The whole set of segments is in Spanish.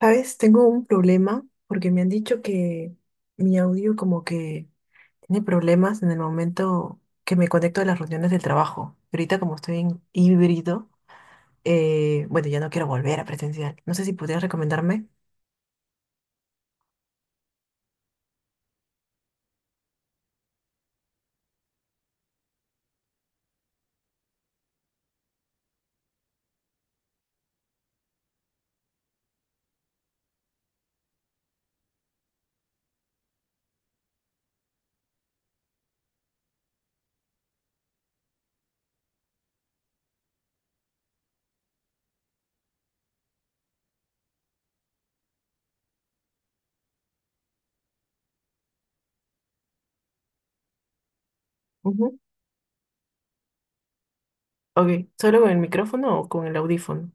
¿Sabes? Tengo un problema porque me han dicho que mi audio como que tiene problemas en el momento que me conecto a las reuniones del trabajo. Y ahorita como estoy en híbrido, bueno, ya no quiero volver a presencial. No sé si podrías recomendarme. Ujú. Ok, ¿solo con el micrófono o con el audífono?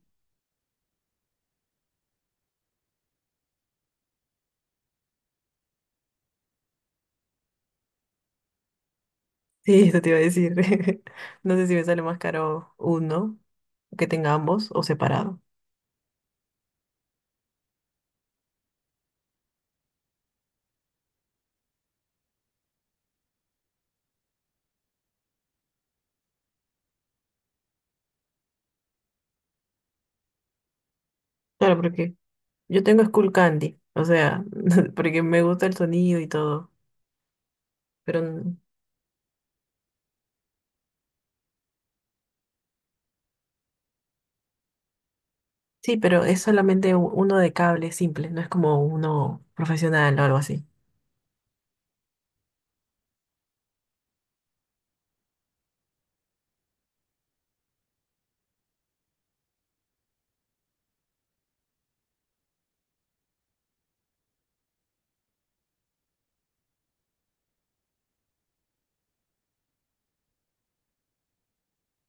Sí, eso te iba a decir. No sé si me sale más caro uno que tenga ambos o separado. Claro, porque yo tengo Skull Candy, o sea, porque me gusta el sonido y todo, pero sí, pero es solamente uno de cable simple, no es como uno profesional o algo así.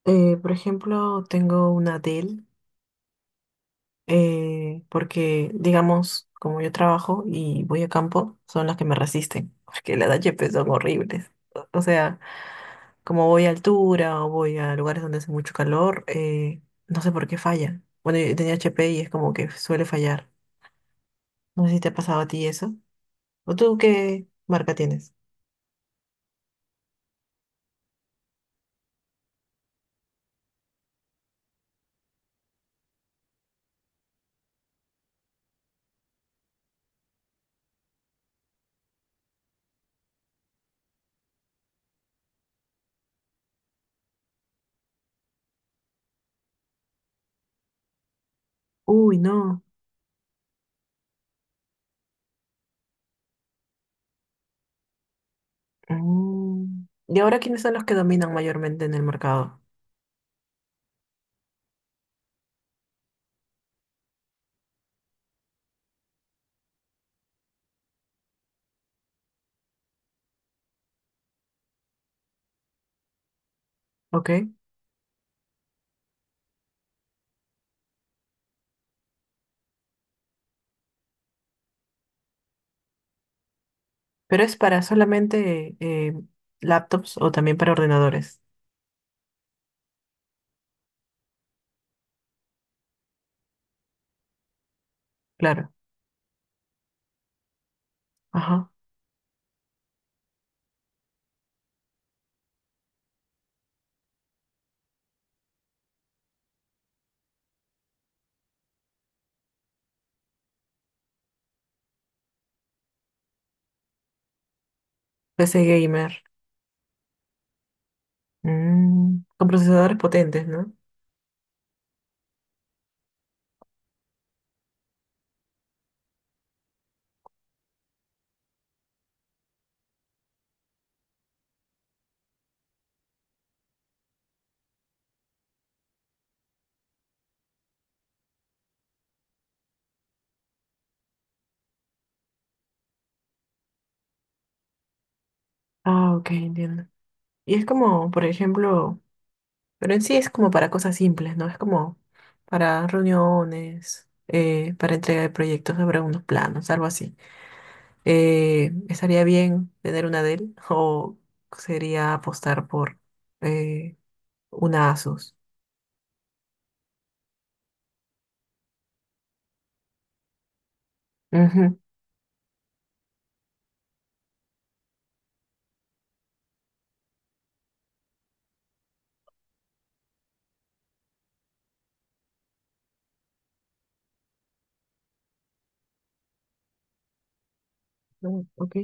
Por ejemplo, tengo una Dell, porque, digamos, como yo trabajo y voy a campo, son las que me resisten, porque las HP son horribles. O sea, como voy a altura o voy a lugares donde hace mucho calor, no sé por qué falla. Bueno, yo tenía HP y es como que suele fallar. No sé si te ha pasado a ti eso. ¿O tú qué marca tienes? Uy, no. Mm. ¿Y ahora quiénes son los que dominan mayormente en el mercado? Ok. Pero es para solamente laptops o también para ordenadores. Claro. Ajá. PC gamer. Mm. Con procesadores potentes, ¿no? Ah, ok, entiendo. Y es como, por ejemplo, pero en sí es como para cosas simples, ¿no? Es como para reuniones, para entrega de proyectos sobre unos planos, algo así. ¿Estaría bien tener una Dell o sería apostar por eh, una Asus? Ujú. No, ok.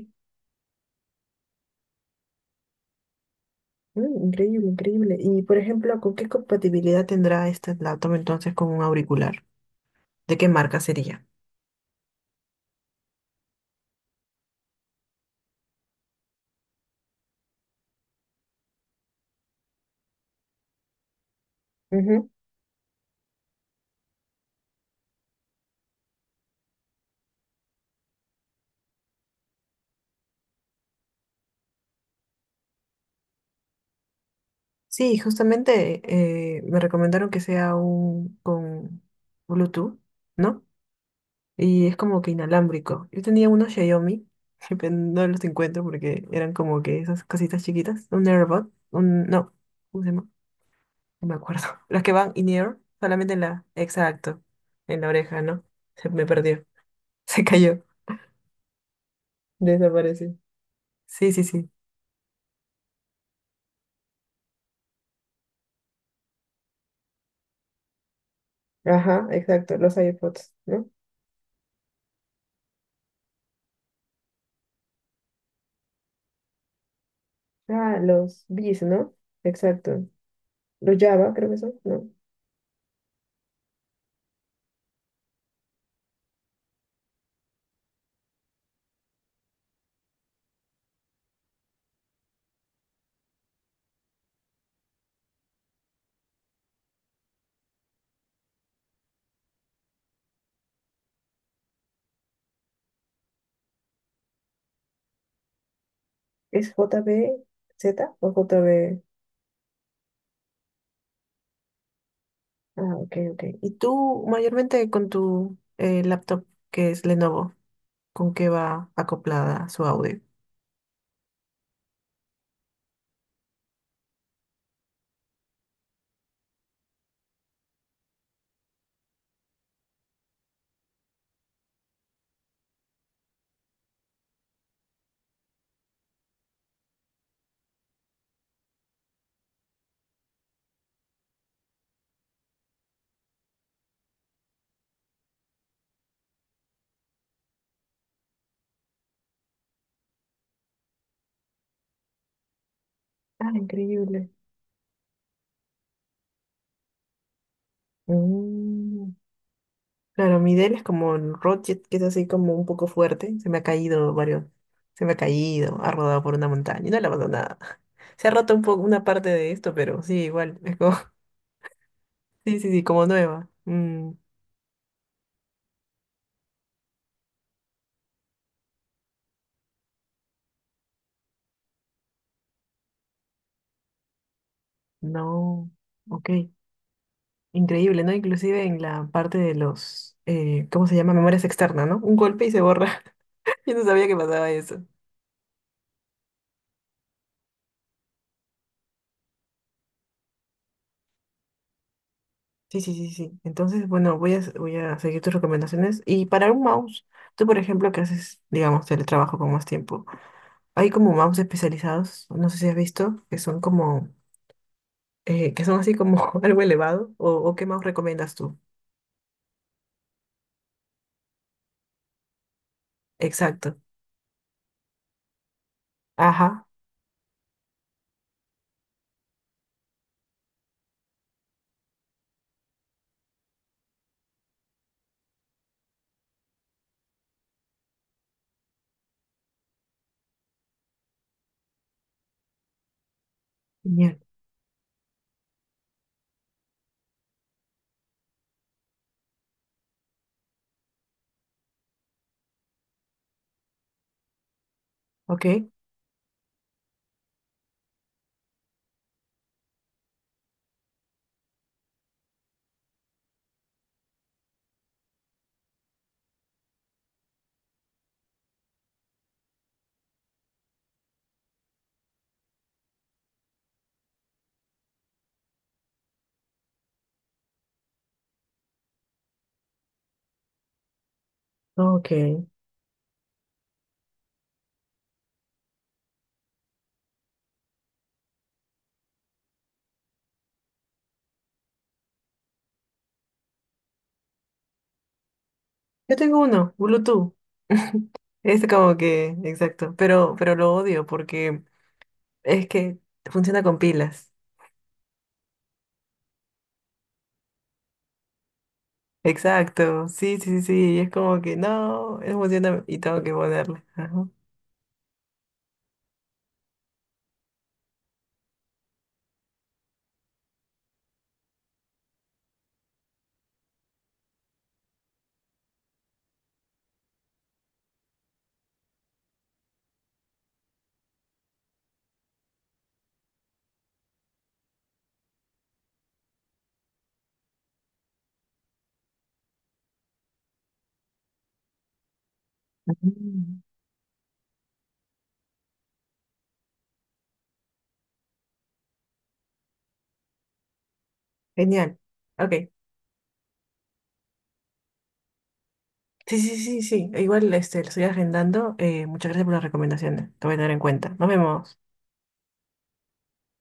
Mm, increíble, increíble. Y por ejemplo, ¿con qué compatibilidad tendrá este laptop entonces con un auricular? ¿De qué marca sería? Ujú. Sí, justamente me recomendaron que sea un con Bluetooth, ¿no? Y es como que inalámbrico. Yo tenía unos Xiaomi, pero no los encuentro porque eran como que esas cositas chiquitas, un AirBot, un, no, ¿cómo se llama? No me acuerdo. Las que van in-ear, solamente en la, exacto, en la oreja, ¿no? Se me perdió, se cayó. Desapareció. Sí, sí, sí. Ajá, exacto, los iPods, ¿no? Ah, los Bs, ¿no? Exacto. Los Java, creo que son, ¿no? ¿Es JBZ o JB? Ah, ok, ok. ¿Y tú mayormente con tu laptop que es Lenovo, con qué va acoplada su audio? Ah, increíble. Mm. Claro, mi Dell es como el Rocket, que es así como un poco fuerte. Se me ha caído varios, se me ha caído, ha rodado por una montaña y no le ha pasado nada. Se ha roto un poco una parte de esto, pero sí, igual, es como, sí, sí, sí, como nueva. Mm, no, ok. Increíble, ¿no? Inclusive en la parte de los, ¿cómo se llama? Memorias externas, ¿no? Un golpe y se borra. Yo no sabía que pasaba eso. Sí, sí, sí, sí. Entonces, bueno, voy a seguir tus recomendaciones. Y para un mouse, tú, por ejemplo, que haces, digamos, teletrabajo con más tiempo, hay como mouse especializados, no sé si has visto, que son como, que son así como algo elevado, o qué mouse recomiendas tú. Exacto. Ajá. Genial. Ok. Ok. Yo tengo uno, Bluetooth. Es como que, exacto, pero lo odio porque es que funciona con pilas. Exacto, sí, sí, sí, sí, es como que no, no funciona y tengo que ponerle. Ajá. Mm. Genial. Ok, sí, sí, sí, sí, igual este, lo estoy agendando. Muchas gracias por las recomendaciones, te voy a tener en cuenta. Nos vemos.